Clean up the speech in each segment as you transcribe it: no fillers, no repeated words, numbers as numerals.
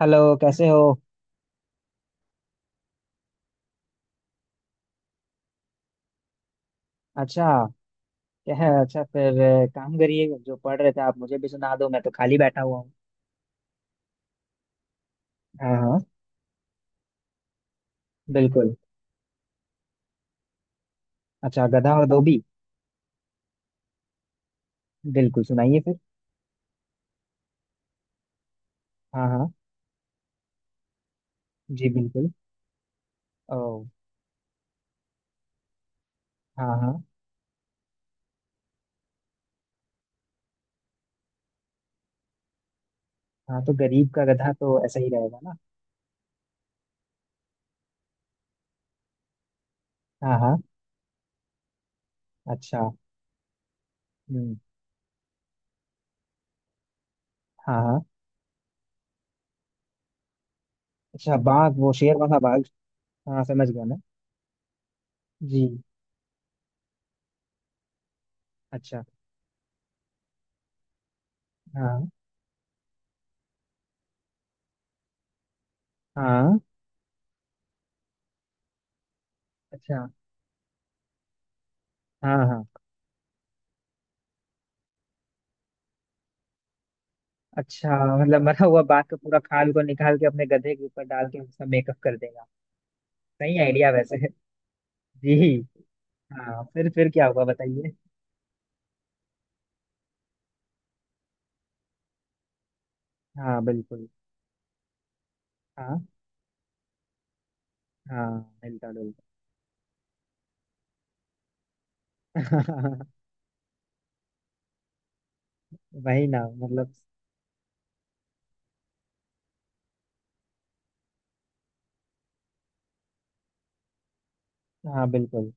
Hello, कैसे हो? अच्छा। क्या है? अच्छा, फिर काम करिए। जो पढ़ रहे थे आप, मुझे भी सुना दो, मैं तो खाली बैठा हुआ हूँ। हाँ हाँ। बिल्कुल। अच्छा, गधा और धोबी। बिल्कुल, सुनाइए फिर। हाँ हाँ। जी बिल्कुल। ओ। हाँ हाँ। हाँ, तो गरीब का गधा तो ऐसा ही रहेगा ना। हाँ हाँ। अच्छा। हम्म। हाँ हाँ। अच्छा, बाघ? वो शेर वाला बाघ? हाँ, समझ गया मैं। जी। अच्छा। हाँ हाँ। अच्छा। हाँ हाँ। अच्छा। मतलब मरा हुआ बाघ का पूरा खाल को निकाल के अपने गधे के ऊपर डाल के उसका मेकअप कर देगा। सही आइडिया वैसे। जी। हाँ, फिर क्या हुआ? बताइए। हाँ बिल्कुल। हाँ हाँ। मिलता डुलता। वही ना। मतलब। हाँ बिल्कुल।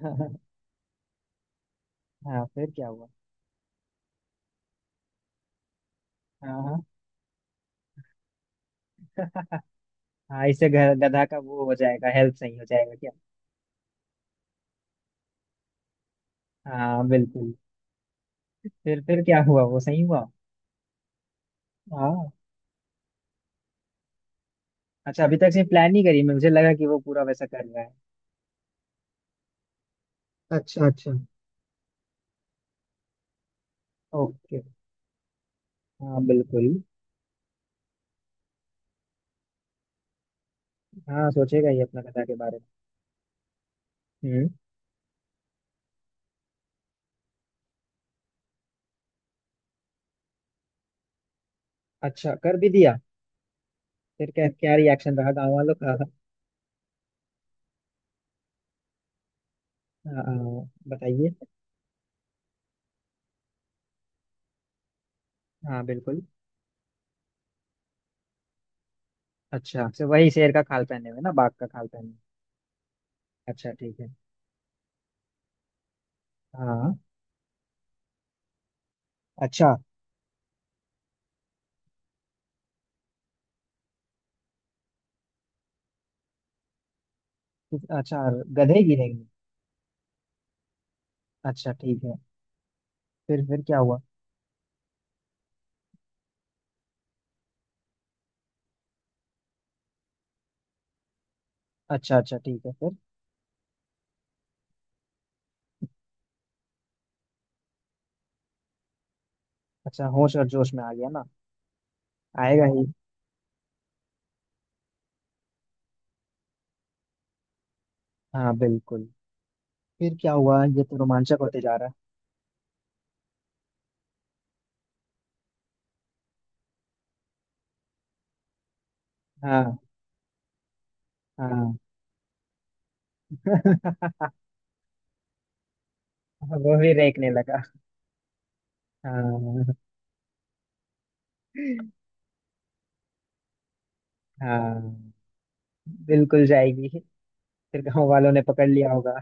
हाँ, फिर क्या हुआ? हाँ हाँ। हाँ, इससे गधा का वो हो जाएगा, हेल्थ सही हो जाएगा क्या? हाँ बिल्कुल। फिर क्या हुआ? वो सही हुआ? हाँ। अच्छा, अभी तक से प्लान नहीं करी? मुझे लगा कि वो पूरा वैसा कर रहा है। अच्छा अच्छा। ओके। हाँ बिल्कुल। हाँ, सोचेगा ये अपना गधा के बारे में। हम्म। अच्छा, कर भी दिया? फिर क्या क्या रिएक्शन रहा गांव वालों का? आ, आ, बताइए। हाँ बिल्कुल। अच्छा, तो वही शेर का खाल पहने हुए ना, बाघ का खाल पहने हुए। अच्छा ठीक है। हाँ। अच्छा। अच्छा, गधे गिरेंगे। अच्छा ठीक है। फिर क्या हुआ? अच्छा अच्छा ठीक है, फिर? अच्छा, होश और जोश में आ गया ना। आएगा ही। हाँ बिल्कुल। फिर क्या हुआ? ये तो रोमांचक होते जा रहा है। हाँ हाँ। वो भी रेंकने लगा। हाँ, हाँ बिल्कुल जाएगी। फिर गांव वालों ने पकड़ लिया होगा।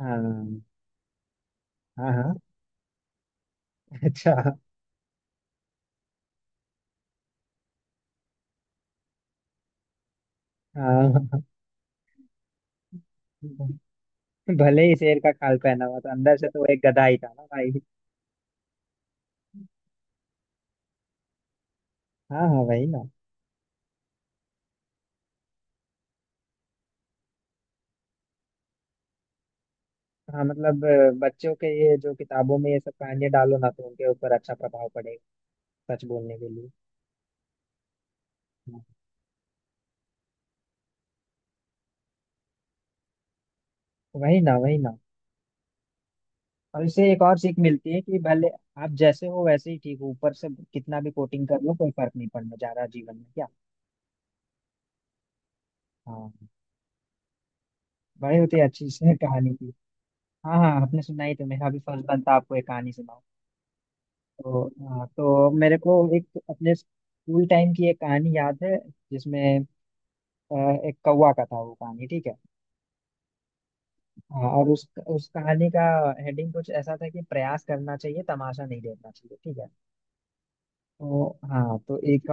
हाँ हाँ हाँ। अच्छा। हाँ, भले ही शेर का खाल पहना हुआ था, अंदर से तो वो एक गधा ही था ना भाई। हाँ हाँ वही ना। हाँ मतलब बच्चों के ये जो किताबों में ये सब कहानियां डालो ना तो उनके ऊपर अच्छा प्रभाव पड़ेगा। सच बोलने के लिए। हाँ, वही ना, वही ना। और इससे एक और सीख मिलती है कि भले आप जैसे हो वैसे ही ठीक हो, ऊपर से कितना भी कोटिंग कर लो कोई फर्क नहीं पड़ना ज्यादा जीवन में, क्या? हाँ। बड़े होते। अच्छी से कहानी थी। हाँ हाँ, आपने सुनाई तो मेरा भी फर्ज बनता आपको एक कहानी सुनाऊं। तो हाँ, तो मेरे को एक अपने स्कूल टाइम की एक कहानी याद है। जिसमें अ, एक कौवा का था वो कहानी, ठीक है। हाँ, और उस कहानी का हेडिंग कुछ ऐसा था कि प्रयास करना चाहिए, तमाशा नहीं देखना चाहिए, ठीक है। तो हाँ, तो एक,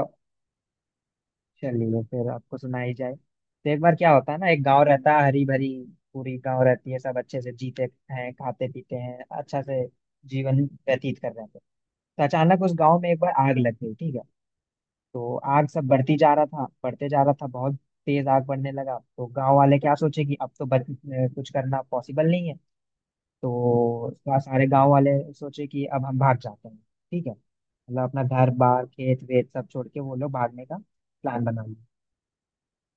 चलिए फिर आपको सुनाई जाए। तो एक बार क्या होता है ना, एक गांव रहता है, हरी भरी पूरी गांव रहती है, सब अच्छे से जीते हैं, खाते पीते हैं, अच्छा से जीवन व्यतीत कर रहे थे। तो अचानक उस गांव में एक बार आग लग गई, ठीक है। तो आग सब बढ़ती जा रहा था, बढ़ते जा रहा था, बहुत तेज आग बढ़ने लगा। तो गांव वाले क्या सोचे कि अब तो कुछ करना पॉसिबल नहीं है। तो सारे गांव वाले सोचे कि अब हम भाग जाते हैं, ठीक है। मतलब अपना घर बार खेत वेत सब छोड़ के वो लोग भागने का प्लान बना।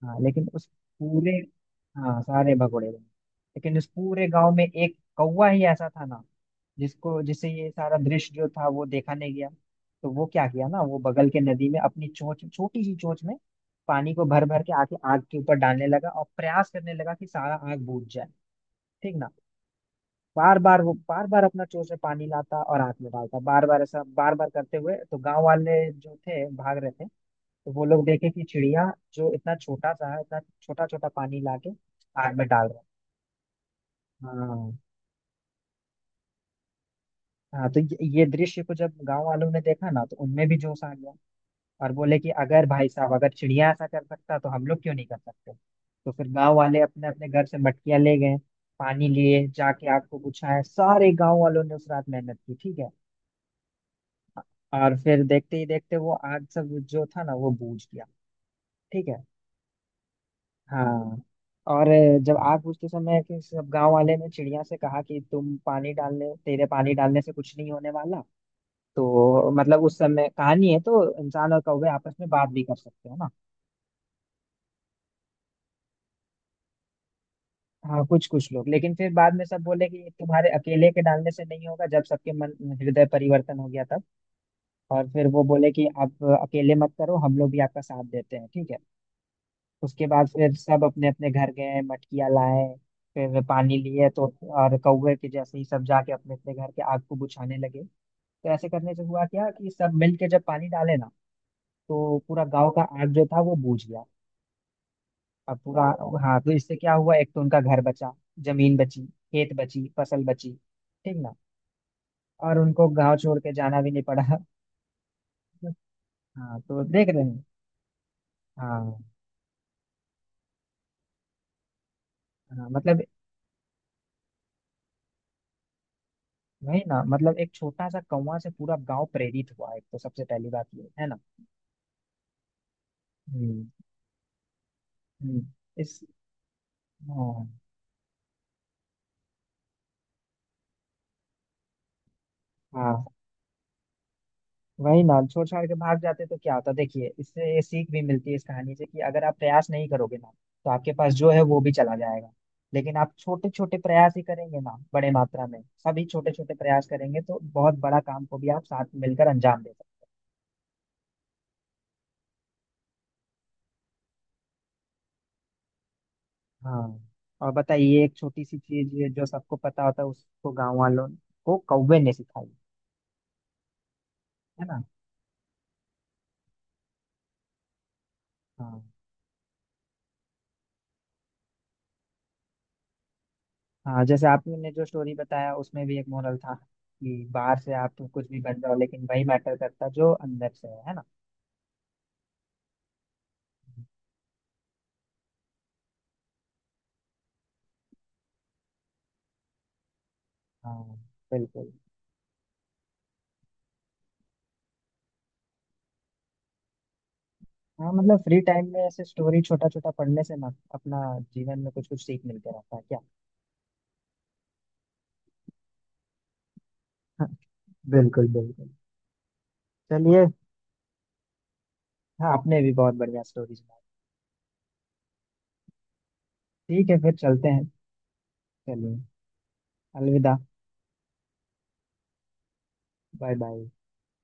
हाँ, लेकिन उस पूरे, हाँ, सारे भगोड़े बने। लेकिन उस पूरे गांव में एक कौवा ही ऐसा था ना, जिसको जिसे ये सारा दृश्य जो था वो देखा नहीं गया। तो वो क्या किया ना, वो बगल के नदी में अपनी चोंच, छोटी सी चोंच में पानी को भर भर के आके आग के ऊपर डालने लगा और प्रयास करने लगा कि सारा आग बुझ जाए, ठीक ना। बार बार, वो बार बार अपना चोंच में पानी लाता और आग में डालता, बार बार ऐसा बार बार करते हुए तो गांव वाले जो थे भाग रहे थे। तो वो लोग देखे कि चिड़िया जो इतना छोटा सा है, इतना छोटा छोटा पानी लाके आग में डाल रहा है। हाँ हाँ, तो ये दृश्य को जब गांव वालों ने देखा ना तो उनमें भी जोश आ गया। और बोले कि अगर, भाई साहब, अगर चिड़िया ऐसा कर सकता तो हम लोग क्यों नहीं कर सकते। तो फिर गांव वाले अपने अपने घर से मटकियां ले गए, पानी लिए, जाके आग को बुझाया। सारे गांव वालों ने उस रात मेहनत की, ठीक है। और फिर देखते ही देखते वो आग सब जो था ना, वो बूझ गया, ठीक है। हाँ। और जब आग बुझते समय कि सब गांव वाले ने चिड़िया से कहा कि तुम पानी डालने, तेरे पानी डालने से कुछ नहीं होने वाला। तो मतलब उस समय कहानी है तो इंसान और कौवे आपस में बात भी कर सकते हो ना। हाँ, कुछ कुछ लोग। लेकिन फिर बाद में सब बोले कि तुम्हारे अकेले के डालने से नहीं होगा, जब सबके मन हृदय परिवर्तन हो गया तब। और फिर वो बोले कि आप अकेले मत करो, हम लोग भी आपका साथ देते हैं, ठीक है। उसके बाद फिर सब अपने अपने घर गए, मटकियाँ लाए, फिर पानी लिए तो। और कौवे के जैसे ही सब जाके अपने अपने घर के आग को बुझाने लगे, तो ऐसे करने से हुआ क्या कि सब मिल के जब पानी डाले ना तो पूरा गांव का आग जो था वो बुझ गया। अब पूरा। हाँ, तो इससे क्या हुआ, एक तो उनका घर बचा, जमीन बची, खेत बची, फसल बची, ठीक ना। और उनको गांव छोड़ के जाना भी नहीं पड़ा। हाँ, तो देख रहे हैं। हाँ हाँ, मतलब। वही ना, मतलब एक छोटा सा कौवा से पूरा गांव प्रेरित हुआ, एक तो सबसे पहली बात ये है ना। हम्म हम्म, इस। हाँ, हाँ वही ना, छोड़ छाड़ के भाग जाते तो क्या होता। देखिए, इससे ये सीख भी मिलती है इस कहानी से कि अगर आप प्रयास नहीं करोगे ना, तो आपके पास जो है वो भी चला जाएगा। लेकिन आप छोटे छोटे प्रयास ही करेंगे ना, बड़े मात्रा में सभी छोटे छोटे प्रयास करेंगे तो बहुत बड़ा काम को भी आप साथ में मिलकर अंजाम दे सकते। हाँ हैं। हाँ, और बताइए, एक छोटी सी चीज जो सबको पता होता है उसको गांव वालों को कौवे ने सिखाई, है ना। हाँ हाँ, जैसे आपने जो स्टोरी बताया उसमें भी एक मोरल था कि बाहर से आप कुछ भी बन जाओ लेकिन वही मैटर करता जो अंदर से है ना। हाँ बिल्कुल। हाँ मतलब फ्री टाइम में ऐसे स्टोरी छोटा छोटा पढ़ने से ना अपना जीवन में कुछ कुछ सीख मिलते रहता है, क्या? हाँ, बिल्कुल बिल्कुल। चलिए। हाँ, आपने भी बहुत बढ़िया स्टोरी सुनाई। ठीक है, फिर चलते हैं। चलिए, अलविदा। Bye bye.